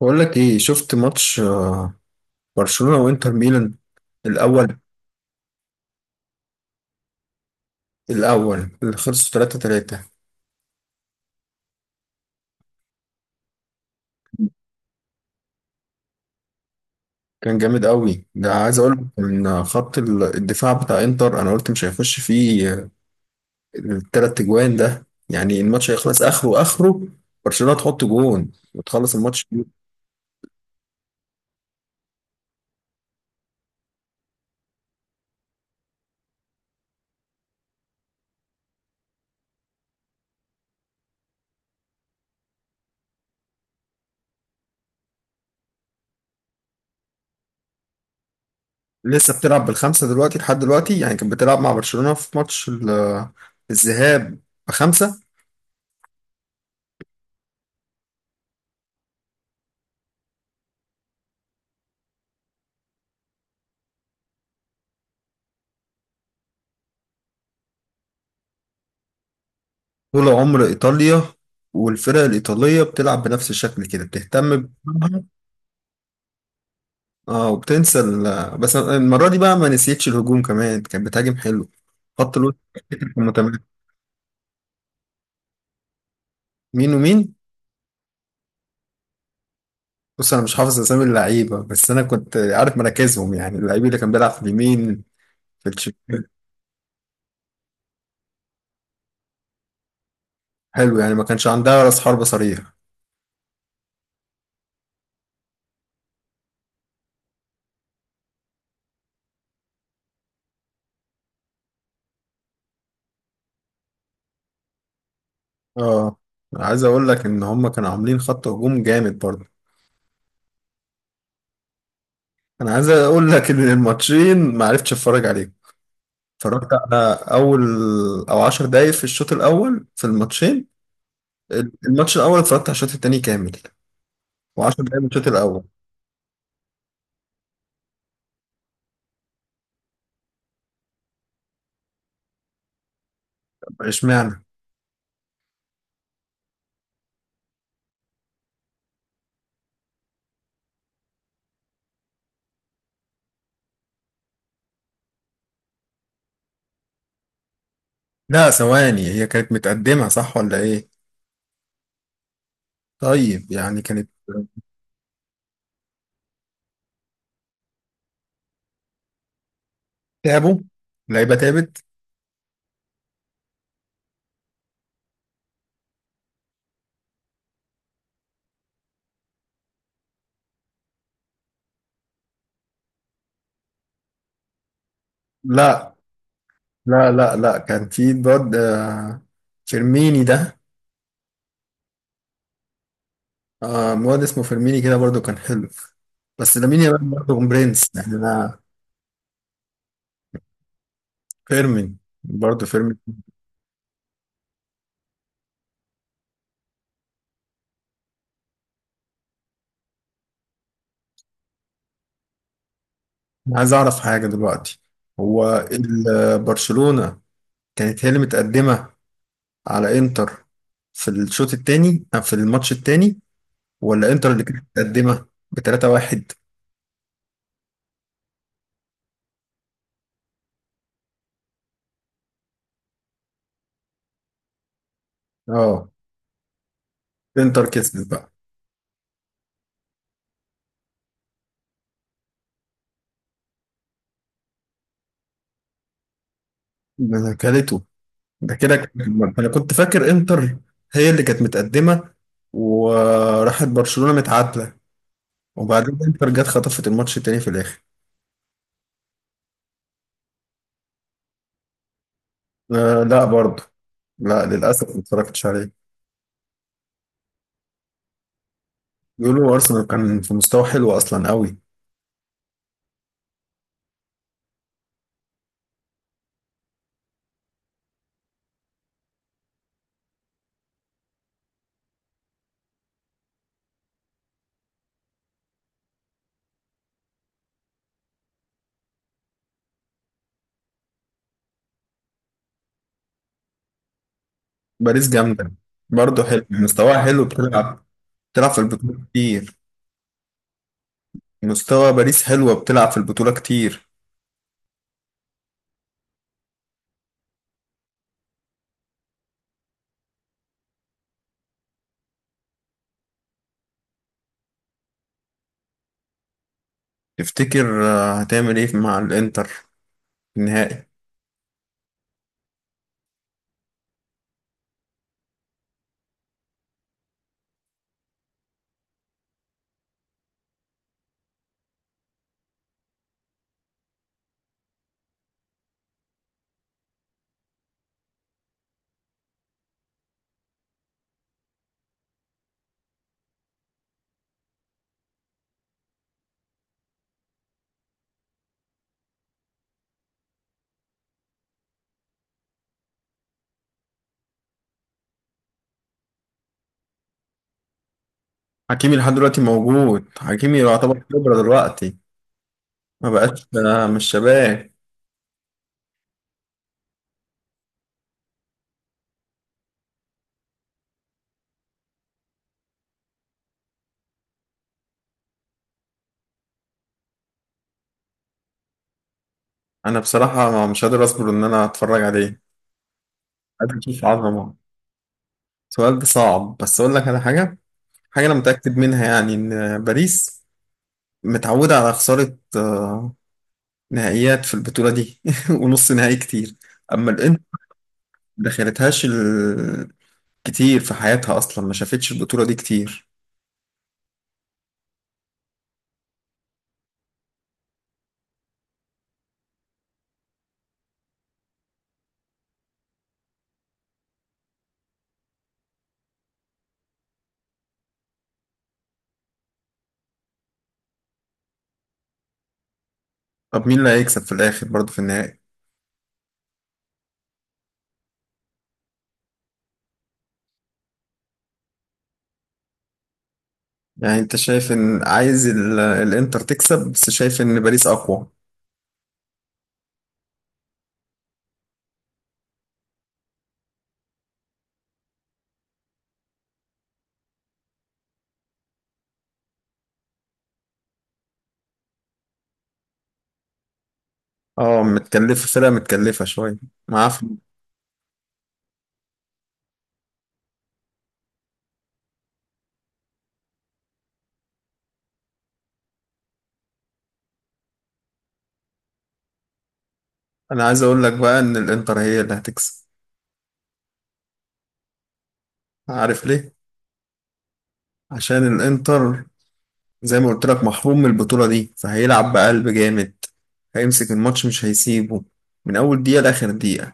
بقول لك ايه، شفت ماتش، برشلونة وانتر ميلان الاول الاول اللي خلص 3-3. كان جامد قوي، ده عايز اقول لك ان خط الدفاع بتاع انتر، انا قلت مش هيخش فيه التلات اجوان ده. يعني الماتش هيخلص اخره اخره، برشلونة تحط جون وتخلص الماتش. لسه بتلعب بالخمسة دلوقتي، لحد دلوقتي يعني، كانت بتلعب مع برشلونة في ماتش الذهاب بخمسة. طول عمر إيطاليا والفرق الإيطالية بتلعب بنفس الشكل كده، بتهتم بدفاعها. اه، وبتنسى بس المرة دي بقى ما نسيتش الهجوم كمان، كانت بتهاجم حلو. خط الوسط كان متمركز. مين ومين؟ بص، أنا مش حافظ أسامي اللعيبة بس أنا كنت عارف مراكزهم، يعني اللعيب اللي كان بيلعب في اليمين، في الشمال. حلو، يعني ما كانش عندها رأس حربة صريح. اه، عايز أقول لك إن هما كانوا عاملين خط هجوم جامد برضه. أنا عايز أقول لك إن الماتشين ما عرفتش أتفرج عليهم، اتفرجت على اول او 10 دقايق في الشوط الاول في الماتشين. الماتش الاول اتفرجت على الشوط التاني كامل، وعشر دقايق من الشوط الاول. طب اشمعنى؟ لا، ثواني، هي كانت متقدمة صح ولا ايه؟ طيب، يعني كانت تعبوا؟ لعيبة تعبت؟ لا لا لا، لا كان في الواد، فيرميني ده. واد اسمه فيرميني كده برضو كان حلو، بس لامين يامال برضو برنس يعني، انا. فيرمين، برضو فيرمين. أنا عايز أعرف حاجة دلوقتي، هو برشلونة كانت هي اللي متقدمة على إنتر في الشوط التاني أو في الماتش التاني، ولا إنتر اللي كانت متقدمة بـ3-1؟ آه. إنتر كسبت بقى؟ ده أنا كلته، ده كده أنا كنت فاكر إنتر هي اللي كانت متقدمة، وراحت برشلونة متعادلة، وبعدين إنتر جت خطفت الماتش التاني في الآخر. آه لا، برضه لا، للأسف ما اتفرجتش عليه. بيقولوا أرسنال كان في مستوى حلو أصلا، قوي. باريس جامدة، برضه حلو مستواها، حلو بتلعب. بتلعب في البطولة كتير. مستوى باريس حلوة، بتلعب في البطولة كتير. تفتكر هتعمل ايه مع الانتر في النهائي؟ حكيمي لحد دلوقتي موجود، حكيمي يعتبر خبرة دلوقتي، ما بقاش مش شباب. انا بصراحة مش قادر اصبر ان انا اتفرج عليه، قادر اشوف عظمة. سؤال ده صعب، بس اقول لك على حاجة. حاجة انا متأكد منها، يعني ان باريس متعودة على خسارة نهائيات في البطولة دي ونص نهائي كتير. أما الإنتر ما دخلتهاش كتير في حياتها، أصلا ما شافتش البطولة دي كتير. طب مين اللي هيكسب في الآخر برضه في النهائي؟ يعني أنت شايف إن عايز الإنتر تكسب، بس شايف إن باريس أقوى؟ أه متكلفة، فرقة متكلفة شوية، معاه فلوس. أنا عايز أقول لك بقى إن الإنتر هي اللي هتكسب. عارف ليه؟ عشان الإنتر زي ما قلت لك محروم من البطولة دي، فهيلعب بقلب جامد، هيمسك الماتش مش هيسيبه من أول دقيقة لآخر دقيقة.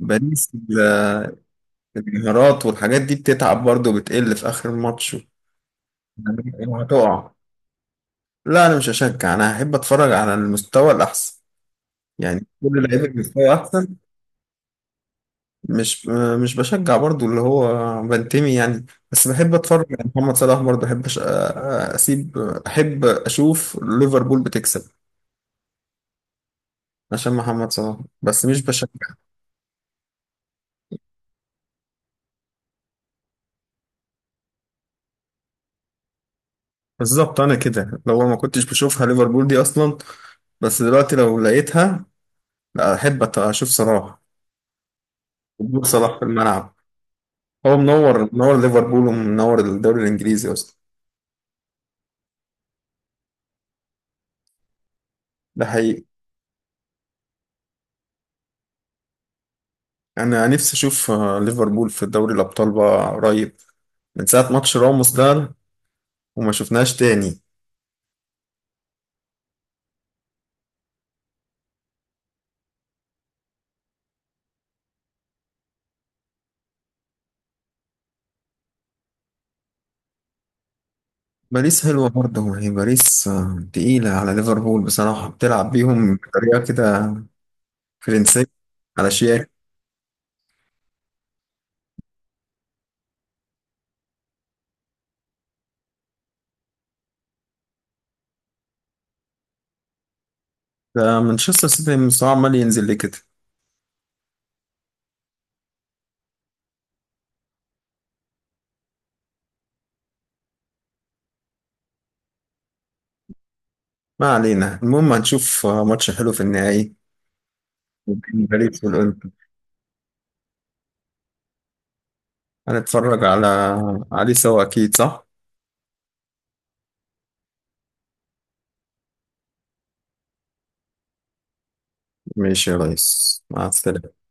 باريس. الانهيارات والحاجات دي بتتعب برضه، وبتقل في آخر الماتش، وهتقع. لا، أنا مش هشجع، أنا هحب أتفرج على المستوى الأحسن، يعني كل لعيب المستوى أحسن. مش مش بشجع برضه، اللي هو بنتمي يعني، بس بحب أتفرج على محمد صلاح برضه، أحب أسيب، أحب أشوف ليفربول بتكسب عشان محمد صلاح، بس مش بشجع. بالظبط، انا كده لو ما كنتش بشوفها ليفربول دي اصلا، بس دلوقتي لو لقيتها، لا احب اشوف صلاح. وجود صلاح في الملعب، هو منور منور ليفربول، ومنور الدوري الانجليزي اصلا. ده حقيقي. انا نفسي اشوف ليفربول في دوري الابطال بقى قريب، من ساعه ماتش راموس ده، وما شفناش تاني. باريس حلوه برضه، هي باريس تقيله على ليفربول بصراحه، بتلعب بيهم بطريقه كده فرنسيه، على شياكه. ده مانشستر سيتي مستواه عمال ينزل ليه كده؟ ما علينا، المهم هنشوف ماتش حلو في النهائي بين باريس والانتر، هنتفرج عليه سوا، اكيد صح. ماشي يا ريس، مع السلامة.